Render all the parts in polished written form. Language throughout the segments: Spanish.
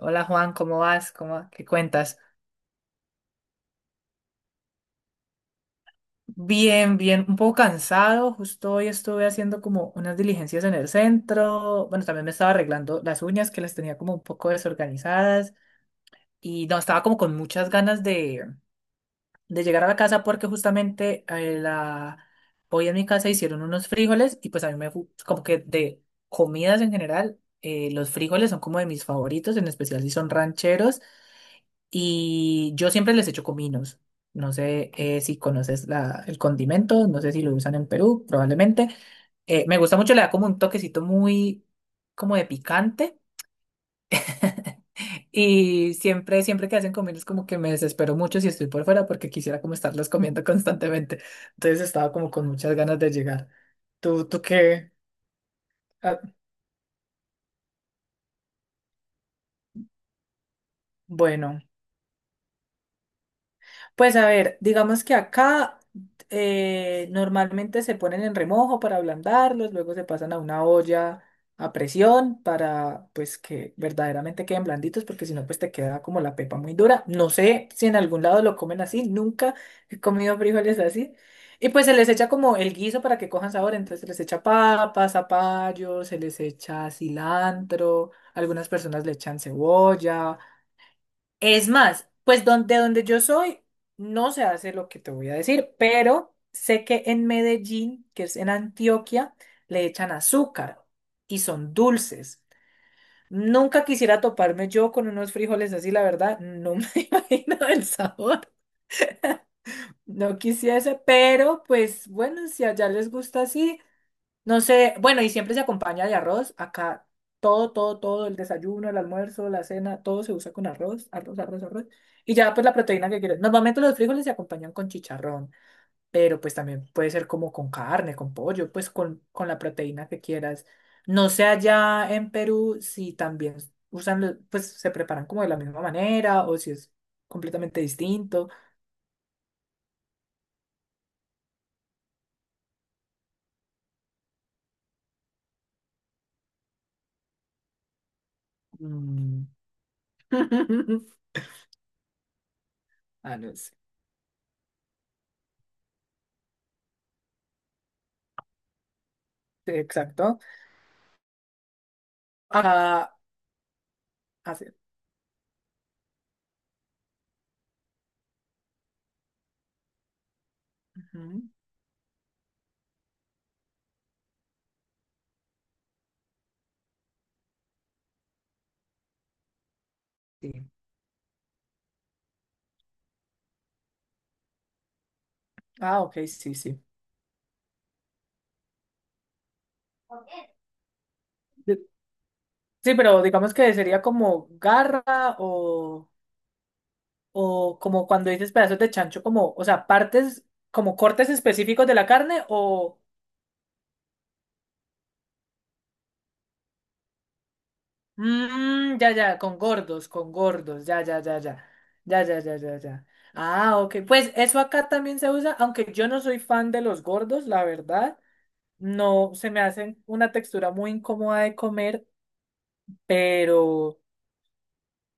Hola Juan, ¿cómo vas? ¿Cómo, qué cuentas? Bien, bien, un poco cansado. Justo hoy estuve haciendo como unas diligencias en el centro. Bueno, también me estaba arreglando las uñas que las tenía como un poco desorganizadas y no, estaba como con muchas ganas de llegar a la casa porque justamente hoy en mi casa hicieron unos frijoles y pues a mí como que de comidas en general, los frijoles son como de mis favoritos, en especial si son rancheros. Y yo siempre les echo cominos. No sé, si conoces el condimento, no sé si lo usan en Perú, probablemente. Me gusta mucho, le da como un toquecito muy como de picante. Y siempre, siempre que hacen comidas, como que me desespero mucho si estoy por fuera porque quisiera como estarlos comiendo constantemente. Entonces estaba como con muchas ganas de llegar. ¿Tú qué? Ah, bueno. Pues a ver, digamos que acá normalmente se ponen en remojo para ablandarlos, luego se pasan a una olla a presión para pues que verdaderamente queden blanditos, porque si no pues te queda como la pepa muy dura. No sé si en algún lado lo comen así, nunca he comido frijoles así. Y pues se les echa como el guiso para que cojan sabor, entonces se les echa papas, zapallo, se les echa cilantro, algunas personas le echan cebolla. Es más, pues donde yo soy, no se hace lo que te voy a decir, pero sé que en Medellín, que es en Antioquia, le echan azúcar y son dulces. Nunca quisiera toparme yo con unos frijoles así, la verdad, no me imagino el sabor. No quisiese, pero pues bueno, si allá les gusta así, no sé, bueno, y siempre se acompaña de arroz. Acá todo, todo, todo, el desayuno, el almuerzo, la cena, todo se usa con arroz, arroz, arroz, arroz. Y ya pues la proteína que quieras. Normalmente los frijoles se acompañan con chicharrón, pero pues también puede ser como con carne, con pollo, pues con la proteína que quieras. No sé allá en Perú si también usan, pues se preparan como de la misma manera o si es completamente distinto. Mm. Ah, no sé. Exacto. Acá, así. Sí. Ah, ok, sí, sí. De- Sí, pero digamos que sería como garra o, o como cuando dices pedazos de chancho, como, o sea, partes, como cortes específicos de la carne o... Mm, ya, ya, con gordos, ya, ya, ya, ya. Ya, ya, ya, ya, ya. Ah, ok. Pues eso acá también se usa, aunque yo no soy fan de los gordos, la verdad. No, se me hacen una textura muy incómoda de comer, pero...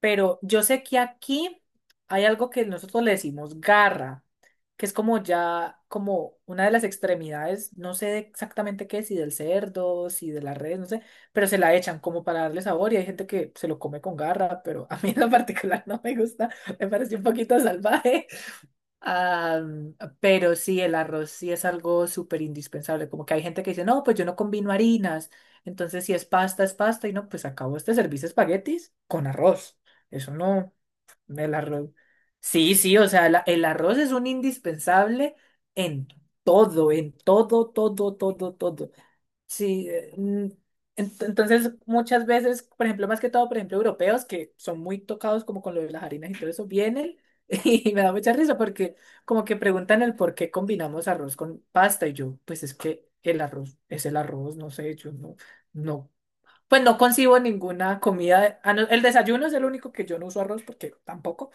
Pero yo sé que aquí hay algo que nosotros le decimos garra, que es como ya, como una de las extremidades, no sé exactamente qué, si del cerdo, si de las redes, no sé, pero se la echan como para darle sabor y hay gente que se lo come con garra, pero a mí en lo particular no me gusta, me parece un poquito salvaje. Ah, pero sí, el arroz sí es algo súper indispensable. Como que hay gente que dice, no, pues yo no combino harinas. Entonces, si es pasta, es pasta. Y no, pues acabo este servicio de espaguetis con arroz. Eso no, el arroz. Sí, sí, o sea, el arroz es un indispensable en en todo, todo, todo, todo. Sí, entonces muchas veces, por ejemplo, más que todo, por ejemplo, europeos que son muy tocados como con lo de las harinas y todo eso, vienen y me da mucha risa porque como que preguntan el por qué combinamos arroz con pasta y yo, pues es que el arroz es el arroz, no sé, yo no, no, pues no concibo ninguna comida, ah, no, el desayuno es el único que yo no uso arroz porque tampoco,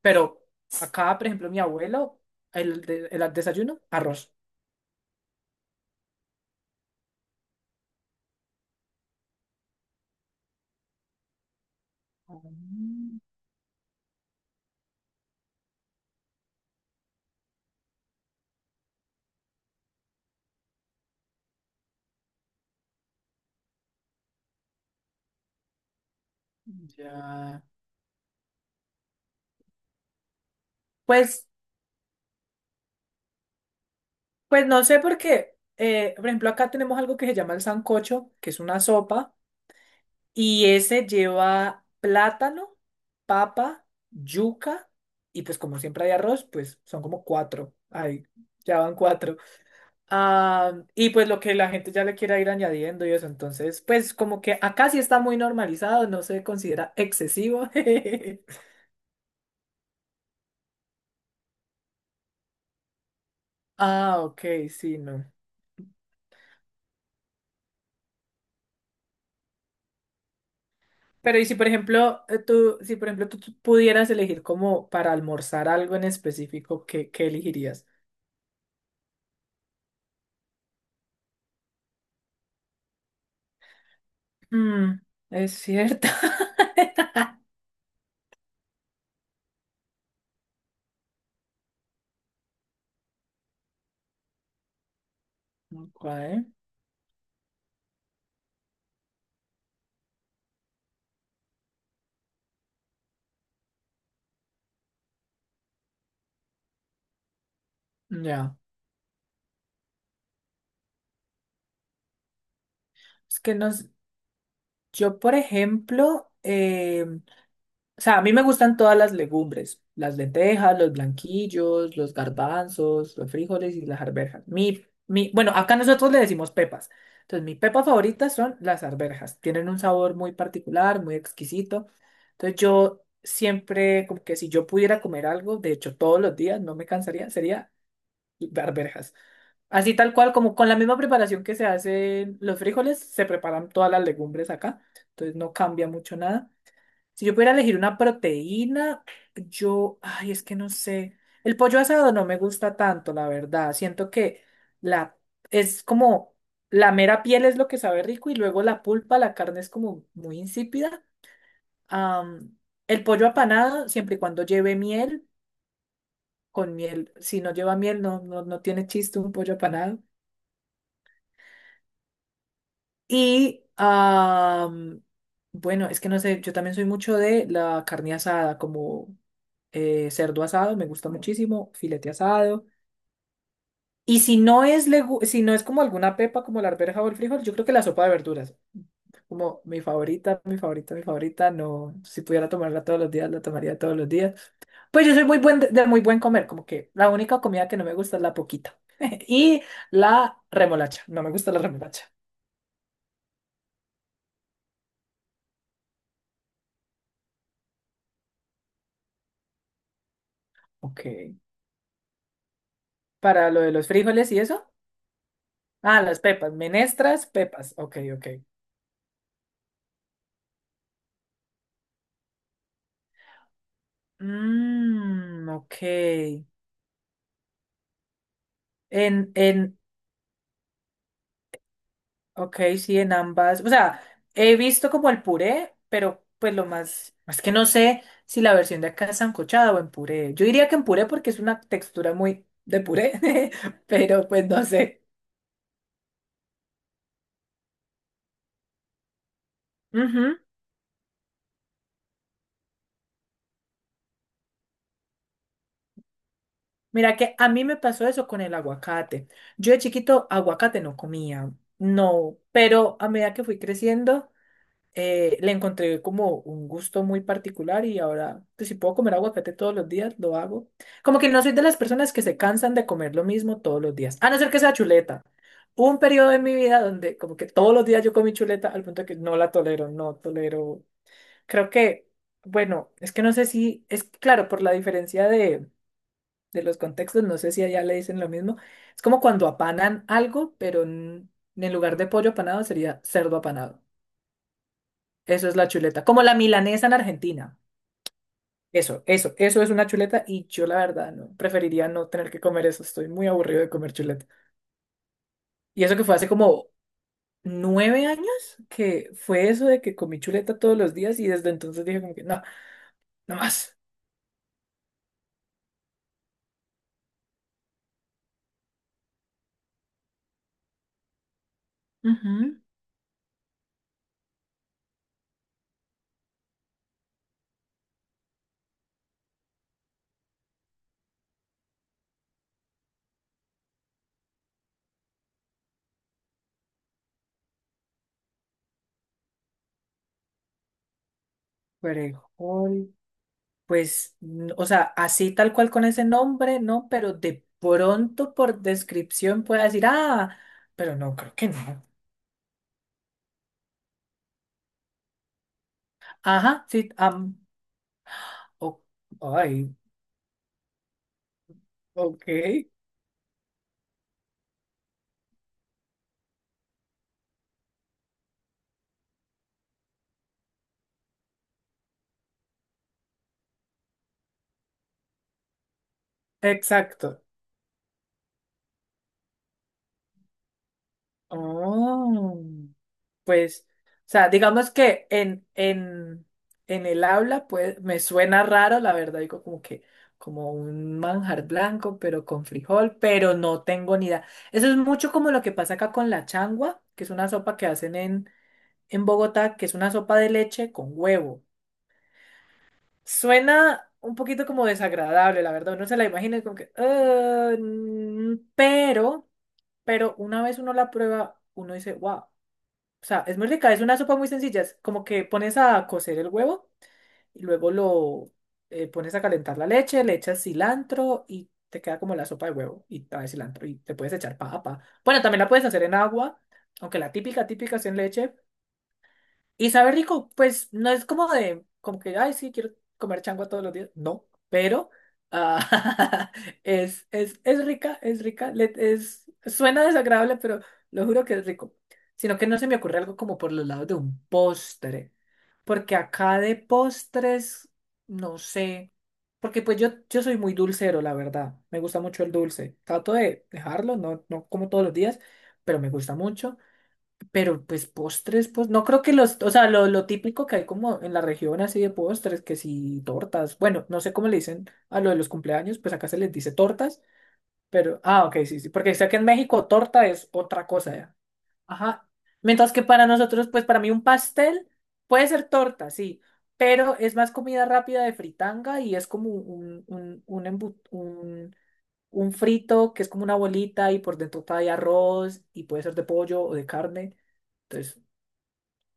pero acá, por ejemplo, mi abuelo, el desayuno, arroz. Mm. Ya. Pues Pues no sé por qué. Por ejemplo, acá tenemos algo que se llama el sancocho, que es una sopa, y ese lleva plátano, papa, yuca, y pues como siempre hay arroz, pues son como cuatro. Ahí, ya van cuatro. Ah, y pues lo que la gente ya le quiera ir añadiendo y eso. Entonces, pues como que acá sí está muy normalizado, no se considera excesivo. Ah, ok, sí, no. Pero y si por ejemplo tú, si por ejemplo tú pudieras elegir como para almorzar algo en específico, ¿qué elegirías? Mm, es cierto. Ok, ya. Es que nos, yo por ejemplo, o sea, a mí me gustan todas las legumbres, las lentejas, los blanquillos, los garbanzos, los frijoles y las arvejas. Bueno, acá nosotros le decimos pepas. Entonces, mis pepas favoritas son las arvejas. Tienen un sabor muy particular, muy exquisito. Entonces, yo siempre, como que si yo pudiera comer algo, de hecho, todos los días, no me cansaría, sería arvejas. Así tal cual, como con la misma preparación que se hacen los frijoles, se preparan todas las legumbres acá. Entonces, no cambia mucho nada. Si yo pudiera elegir una proteína, yo, ay, es que no sé. El pollo asado no me gusta tanto, la verdad. Siento que la es como la mera piel es lo que sabe rico y luego la pulpa, la carne es como muy insípida. Am, el pollo apanado, siempre y cuando lleve miel, con miel, si no lleva miel, no, no, no tiene chiste un pollo apanado. Y bueno, es que no sé, yo también soy mucho de la carne asada, como cerdo asado, me gusta muchísimo, filete asado. Y si no es si no es como alguna pepa como la arveja o el frijol, yo creo que la sopa de verduras. Como mi favorita, mi favorita, mi favorita, no, si pudiera tomarla todos los días, la tomaría todos los días. Pues yo soy muy buen de muy buen comer, como que la única comida que no me gusta es la poquita. Y la remolacha, no me gusta la remolacha. Ok. Para lo de los frijoles y eso. Ah, las pepas, menestras, pepas. Ok, ok. Mmm, ok. En, en, ok, sí, en ambas. O sea, he visto como el puré, pero pues lo más, es que no sé si la versión de acá es sancochada o en puré. Yo diría que en puré porque es una textura muy de puré, pero pues no sé. Ujú. Mira que a mí me pasó eso con el aguacate. Yo de chiquito aguacate no comía, no, pero a medida que fui creciendo... le encontré como un gusto muy particular y ahora, pues, si puedo comer aguacate todos los días, lo hago. Como que no soy de las personas que se cansan de comer lo mismo todos los días, a no ser que sea chuleta. Hubo un periodo de mi vida donde como que todos los días yo comí chuleta al punto que no la tolero, no tolero. Creo que, bueno, es que no sé si, es claro, por la diferencia de los contextos, no sé si allá le dicen lo mismo. Es como cuando apanan algo, pero en lugar de pollo apanado sería cerdo apanado. Eso es la chuleta. Como la milanesa en Argentina. Eso es una chuleta y yo la verdad no, preferiría no tener que comer eso. Estoy muy aburrido de comer chuleta. Y eso que fue hace como 9 años que fue eso de que comí chuleta todos los días y desde entonces dije como que no, no más. Ujú. Perejil. Pues, o sea, así tal cual con ese nombre, no, pero de pronto por descripción pueda decir, ah, pero no, creo que no. Ajá, sí, o- ay, ok. Exacto. Oh, pues, o sea, digamos que en, en el aula, pues, me suena raro, la verdad, digo como que, como un manjar blanco, pero con frijol, pero no tengo ni idea. Eso es mucho como lo que pasa acá con la changua, que es una sopa que hacen en Bogotá, que es una sopa de leche con huevo. Suena un poquito como desagradable, la verdad, uno se la imagina y como que, "Ah, mm", pero una vez uno la prueba, uno dice, wow. O sea, es muy rica, es una sopa muy sencilla. Es como que pones a cocer el huevo y luego lo pones a calentar la leche, le echas cilantro y te queda como la sopa de huevo y trae cilantro y te puedes echar papa. Bueno, también la puedes hacer en agua, aunque la típica, típica es en leche, y sabe rico, pues no es como de, como que, ay, sí, quiero comer changua todos los días. No, pero ah, es rica, es rica. Es, suena desagradable, pero lo juro que es rico. Sino que no se me ocurre algo como por los lados de un postre. Porque acá de postres, no sé. Porque pues yo soy muy dulcero, la verdad. Me gusta mucho el dulce. Trato de dejarlo, no, no como todos los días, pero me gusta mucho. Pero pues postres, pues no creo que los, o sea, lo típico que hay como en la región así de postres, que si tortas, bueno, no sé cómo le dicen a lo de los cumpleaños, pues acá se les dice tortas, pero, ah, ok, sí, sí, porque sé que en México torta es otra cosa, ya. Ajá. Mientras que para nosotros, pues para mí un pastel puede ser torta, sí, pero es más comida rápida de fritanga y es como un frito que es como una bolita y por dentro trae arroz y puede ser de pollo o de carne. Entonces,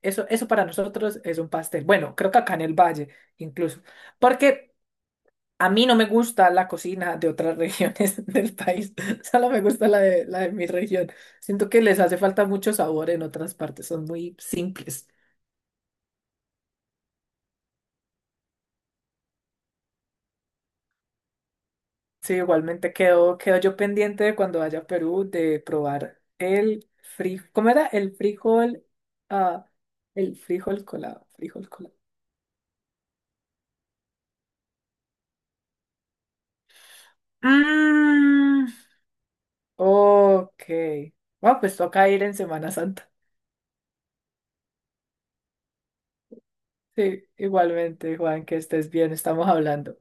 eso para nosotros es un pastel. Bueno, creo que acá en el Valle, incluso. Porque a mí no me gusta la cocina de otras regiones del país. Solo me gusta la de mi región. Siento que les hace falta mucho sabor en otras partes. Son muy simples. Sí, igualmente quedo yo pendiente de cuando vaya a Perú de probar el frijol. ¿Cómo era? El frijol. Ah, el frijol colado. Frijol colado. Mm. Ok. Bueno, pues toca ir en Semana Santa. Sí, igualmente, Juan, que estés bien, estamos hablando.